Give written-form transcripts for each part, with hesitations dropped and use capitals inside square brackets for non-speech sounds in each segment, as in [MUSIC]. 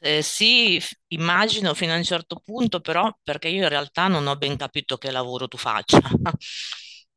Immagino fino a un certo punto, però perché io in realtà non ho ben capito che lavoro tu faccia. [LAUGHS]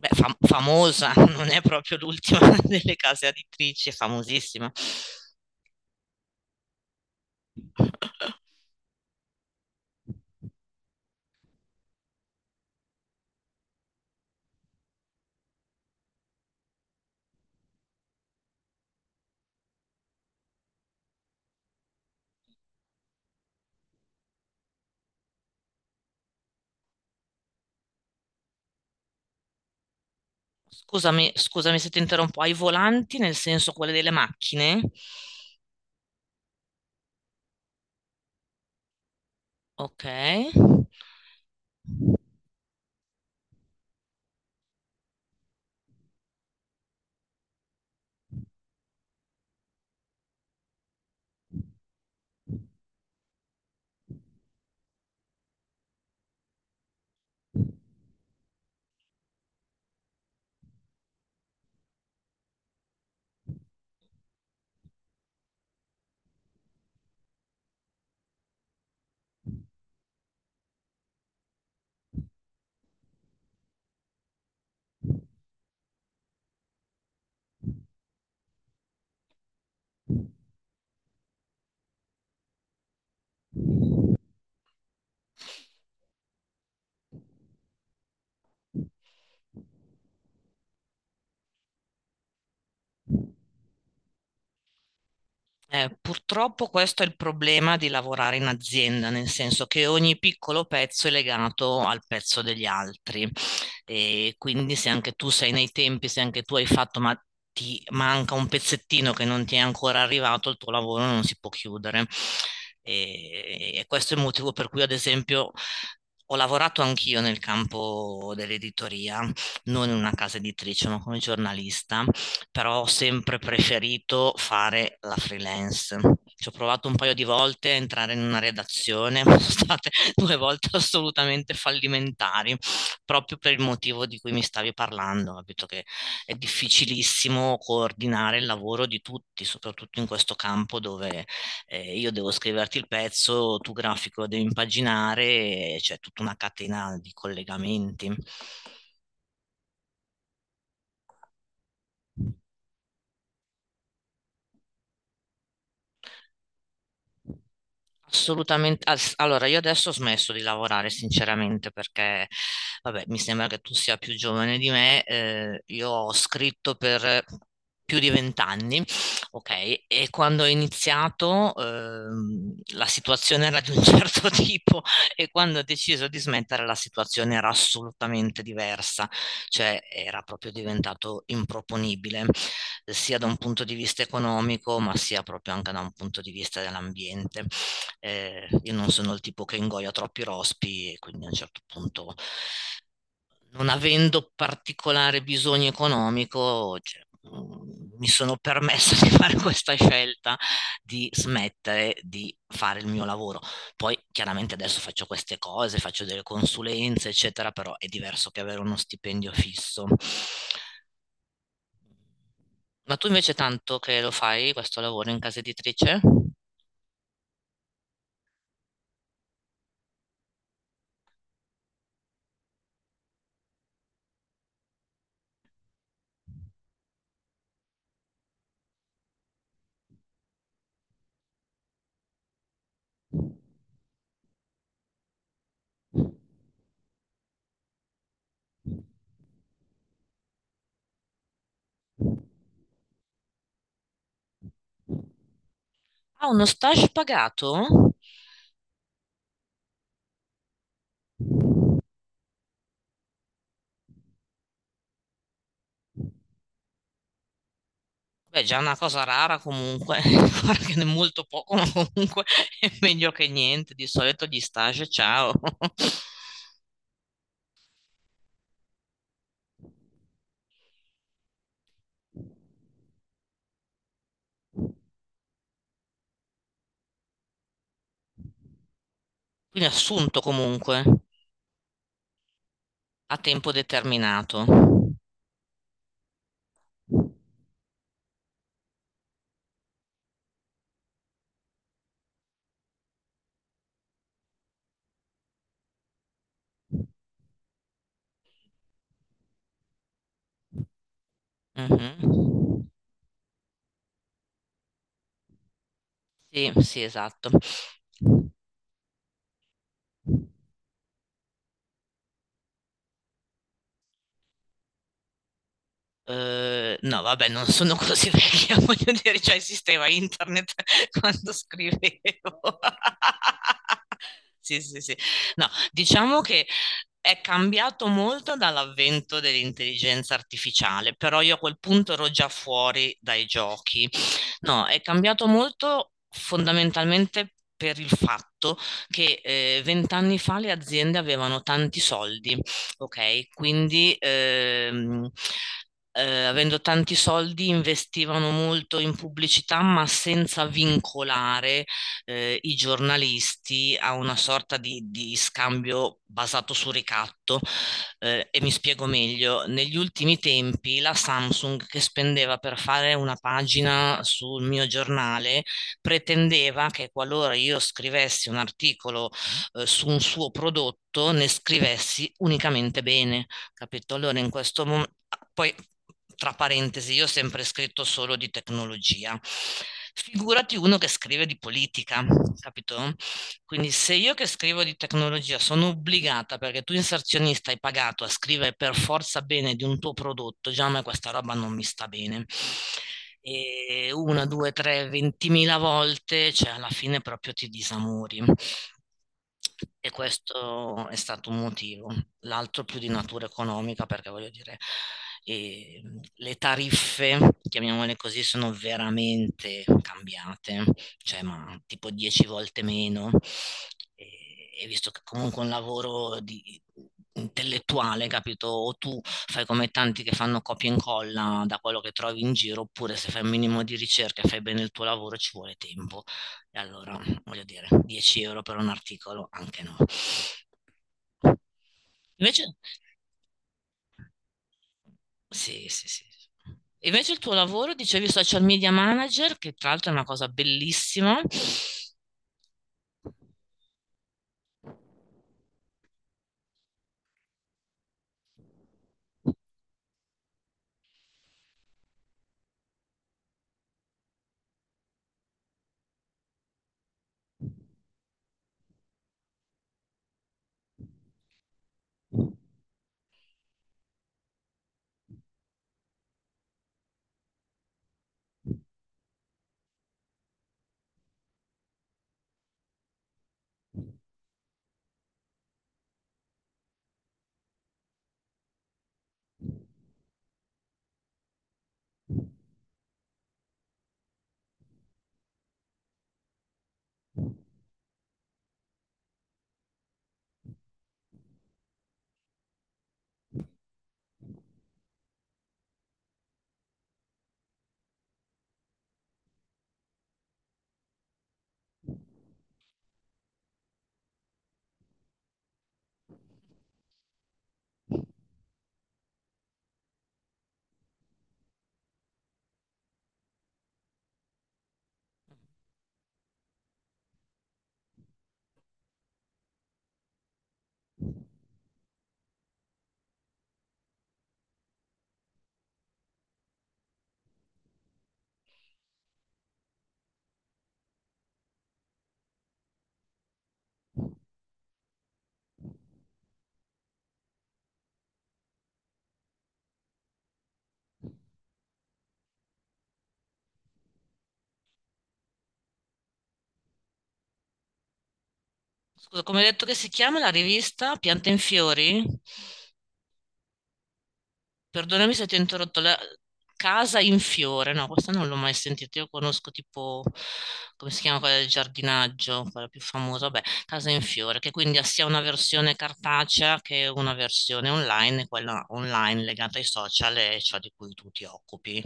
Beh, famosa, [LAUGHS] non è proprio l'ultima [LAUGHS] delle case editrici, è famosissima. Scusami se ti interrompo, ai volanti nel senso quelle delle macchine? Ok. Purtroppo questo è il problema di lavorare in azienda, nel senso che ogni piccolo pezzo è legato al pezzo degli altri e quindi se anche tu sei nei tempi, se anche tu hai fatto, ma ti manca un pezzettino che non ti è ancora arrivato, il tuo lavoro non si può chiudere. E questo è il motivo per cui, ad esempio, ho lavorato anch'io nel campo dell'editoria, non in una casa editrice, ma come giornalista, però ho sempre preferito fare la freelance. Ci ho provato un paio di volte a entrare in una redazione, [LAUGHS] sono state due volte assolutamente fallimentari, proprio per il motivo di cui mi stavi parlando, capito che è difficilissimo coordinare il lavoro di tutti, soprattutto in questo campo dove io devo scriverti il pezzo, tu grafico lo devi impaginare, e c'è tutta una catena di collegamenti. Assolutamente. Allora, io adesso ho smesso di lavorare, sinceramente, perché, vabbè, mi sembra che tu sia più giovane di me. Io ho scritto per più di 20 anni, ok? E quando ho iniziato, la situazione era di un [LAUGHS] certo tipo, e quando ho deciso di smettere, la situazione era assolutamente diversa, cioè era proprio diventato improponibile sia da un punto di vista economico, ma sia proprio anche da un punto di vista dell'ambiente. Io non sono il tipo che ingoia troppi rospi e quindi a un certo punto, non avendo particolare bisogno economico, cioè, mi sono permessa di [LAUGHS] fare questa scelta di smettere di fare il mio lavoro. Poi chiaramente adesso faccio queste cose, faccio delle consulenze, eccetera, però è diverso che avere uno stipendio fisso. Ma tu invece tanto che lo fai questo lavoro in casa editrice? Ah, uno stage pagato? Beh, già una cosa rara comunque, [LAUGHS] guarda che ne è molto poco, ma comunque [LAUGHS] è meglio che niente. Di solito gli stage, ciao. [LAUGHS] Quindi assunto comunque a tempo determinato. Mhm. Sì, sì, esatto. No, vabbè, non sono così vecchia, [LAUGHS] voglio dire, già esisteva internet [LAUGHS] quando scrivevo. [LAUGHS] Sì, sì, sì. No, diciamo che è cambiato molto dall'avvento dell'intelligenza artificiale, però io a quel punto ero già fuori dai giochi. No, è cambiato molto fondamentalmente per il fatto che 20 anni fa le aziende avevano tanti soldi, ok? Quindi avendo tanti soldi investivano molto in pubblicità, ma senza vincolare i giornalisti a una sorta di scambio basato su ricatto. E mi spiego meglio, negli ultimi tempi la Samsung che spendeva per fare una pagina sul mio giornale pretendeva che qualora io scrivessi un articolo, su un suo prodotto, ne scrivessi unicamente bene, capito? Allora in questo momento, poi tra parentesi, io ho sempre scritto solo di tecnologia. Figurati uno che scrive di politica, capito? Quindi se io che scrivo di tecnologia sono obbligata, perché tu inserzionista hai pagato, a scrivere per forza bene di un tuo prodotto, già a me questa roba non mi sta bene. E una, due, tre, ventimila volte, cioè alla fine proprio ti disamori. E questo è stato un motivo. L'altro più di natura economica, perché voglio dire, eh, le tariffe, chiamiamole così, sono veramente cambiate, cioè ma tipo 10 volte meno. E, e visto che comunque è un lavoro di, intellettuale, capito? O tu fai come tanti che fanno copia e incolla da quello che trovi in giro, oppure se fai un minimo di ricerca e fai bene il tuo lavoro ci vuole tempo. E allora, voglio dire, 10 euro per un articolo, anche no. Invece, sì, sì, sì, sì. Invece il tuo lavoro, dicevi social media manager, che tra l'altro è una cosa bellissima. Scusa, come hai detto che si chiama la rivista, Piante in Fiori? Perdonami se ti ho interrotto, la casa in fiore, no, questa non l'ho mai sentita, io conosco tipo, come si chiama quella del giardinaggio, quella più famosa, vabbè, casa in fiore, che quindi ha sia una versione cartacea che una versione online, e quella online legata ai social e ciò di cui tu ti occupi.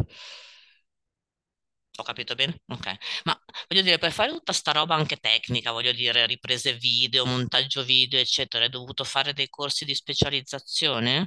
Ho capito bene? Ok. Ma voglio dire, per fare tutta sta roba anche tecnica, voglio dire, riprese video, montaggio video, eccetera, hai dovuto fare dei corsi di specializzazione?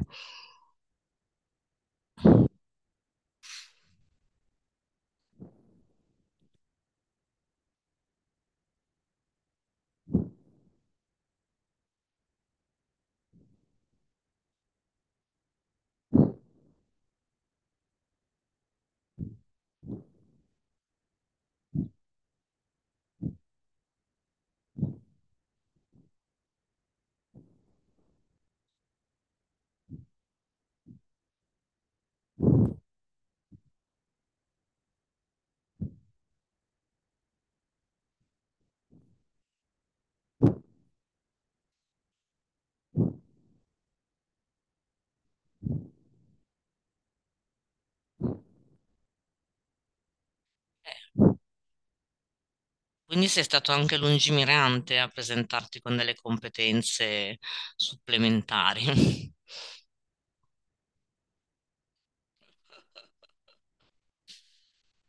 Quindi sei stato anche lungimirante a presentarti con delle competenze supplementari. [LAUGHS]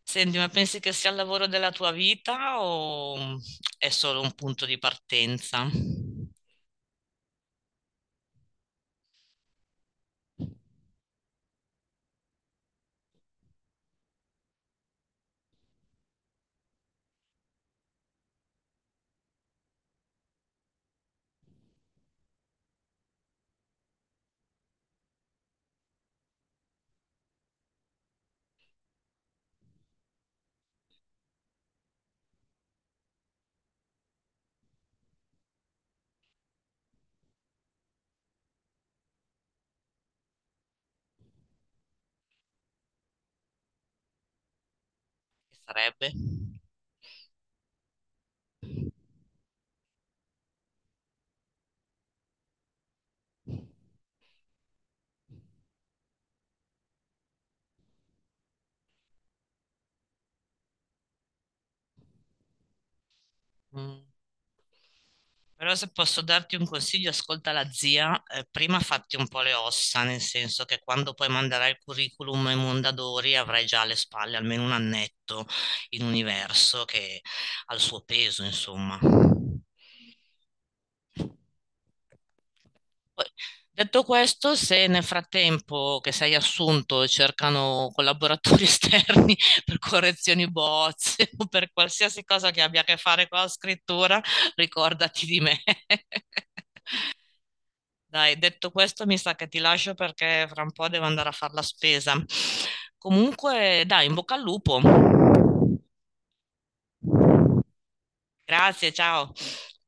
Senti, ma pensi che sia il lavoro della tua vita o è solo un punto di partenza? Che sarebbe? Mm. Però se posso darti un consiglio, ascolta la zia, prima fatti un po' le ossa, nel senso che quando poi manderai il curriculum ai Mondadori avrai già alle spalle almeno un annetto in universo, che ha il suo peso, insomma. Poi, detto questo, se nel frattempo che sei assunto cercano collaboratori [LAUGHS] esterni per correzioni bozze o per qualsiasi cosa che abbia a che fare con la scrittura, ricordati di me. [LAUGHS] Dai, detto questo, mi sa che ti lascio perché fra un po' devo andare a fare la spesa. Comunque, dai, in bocca al lupo. Grazie, ciao.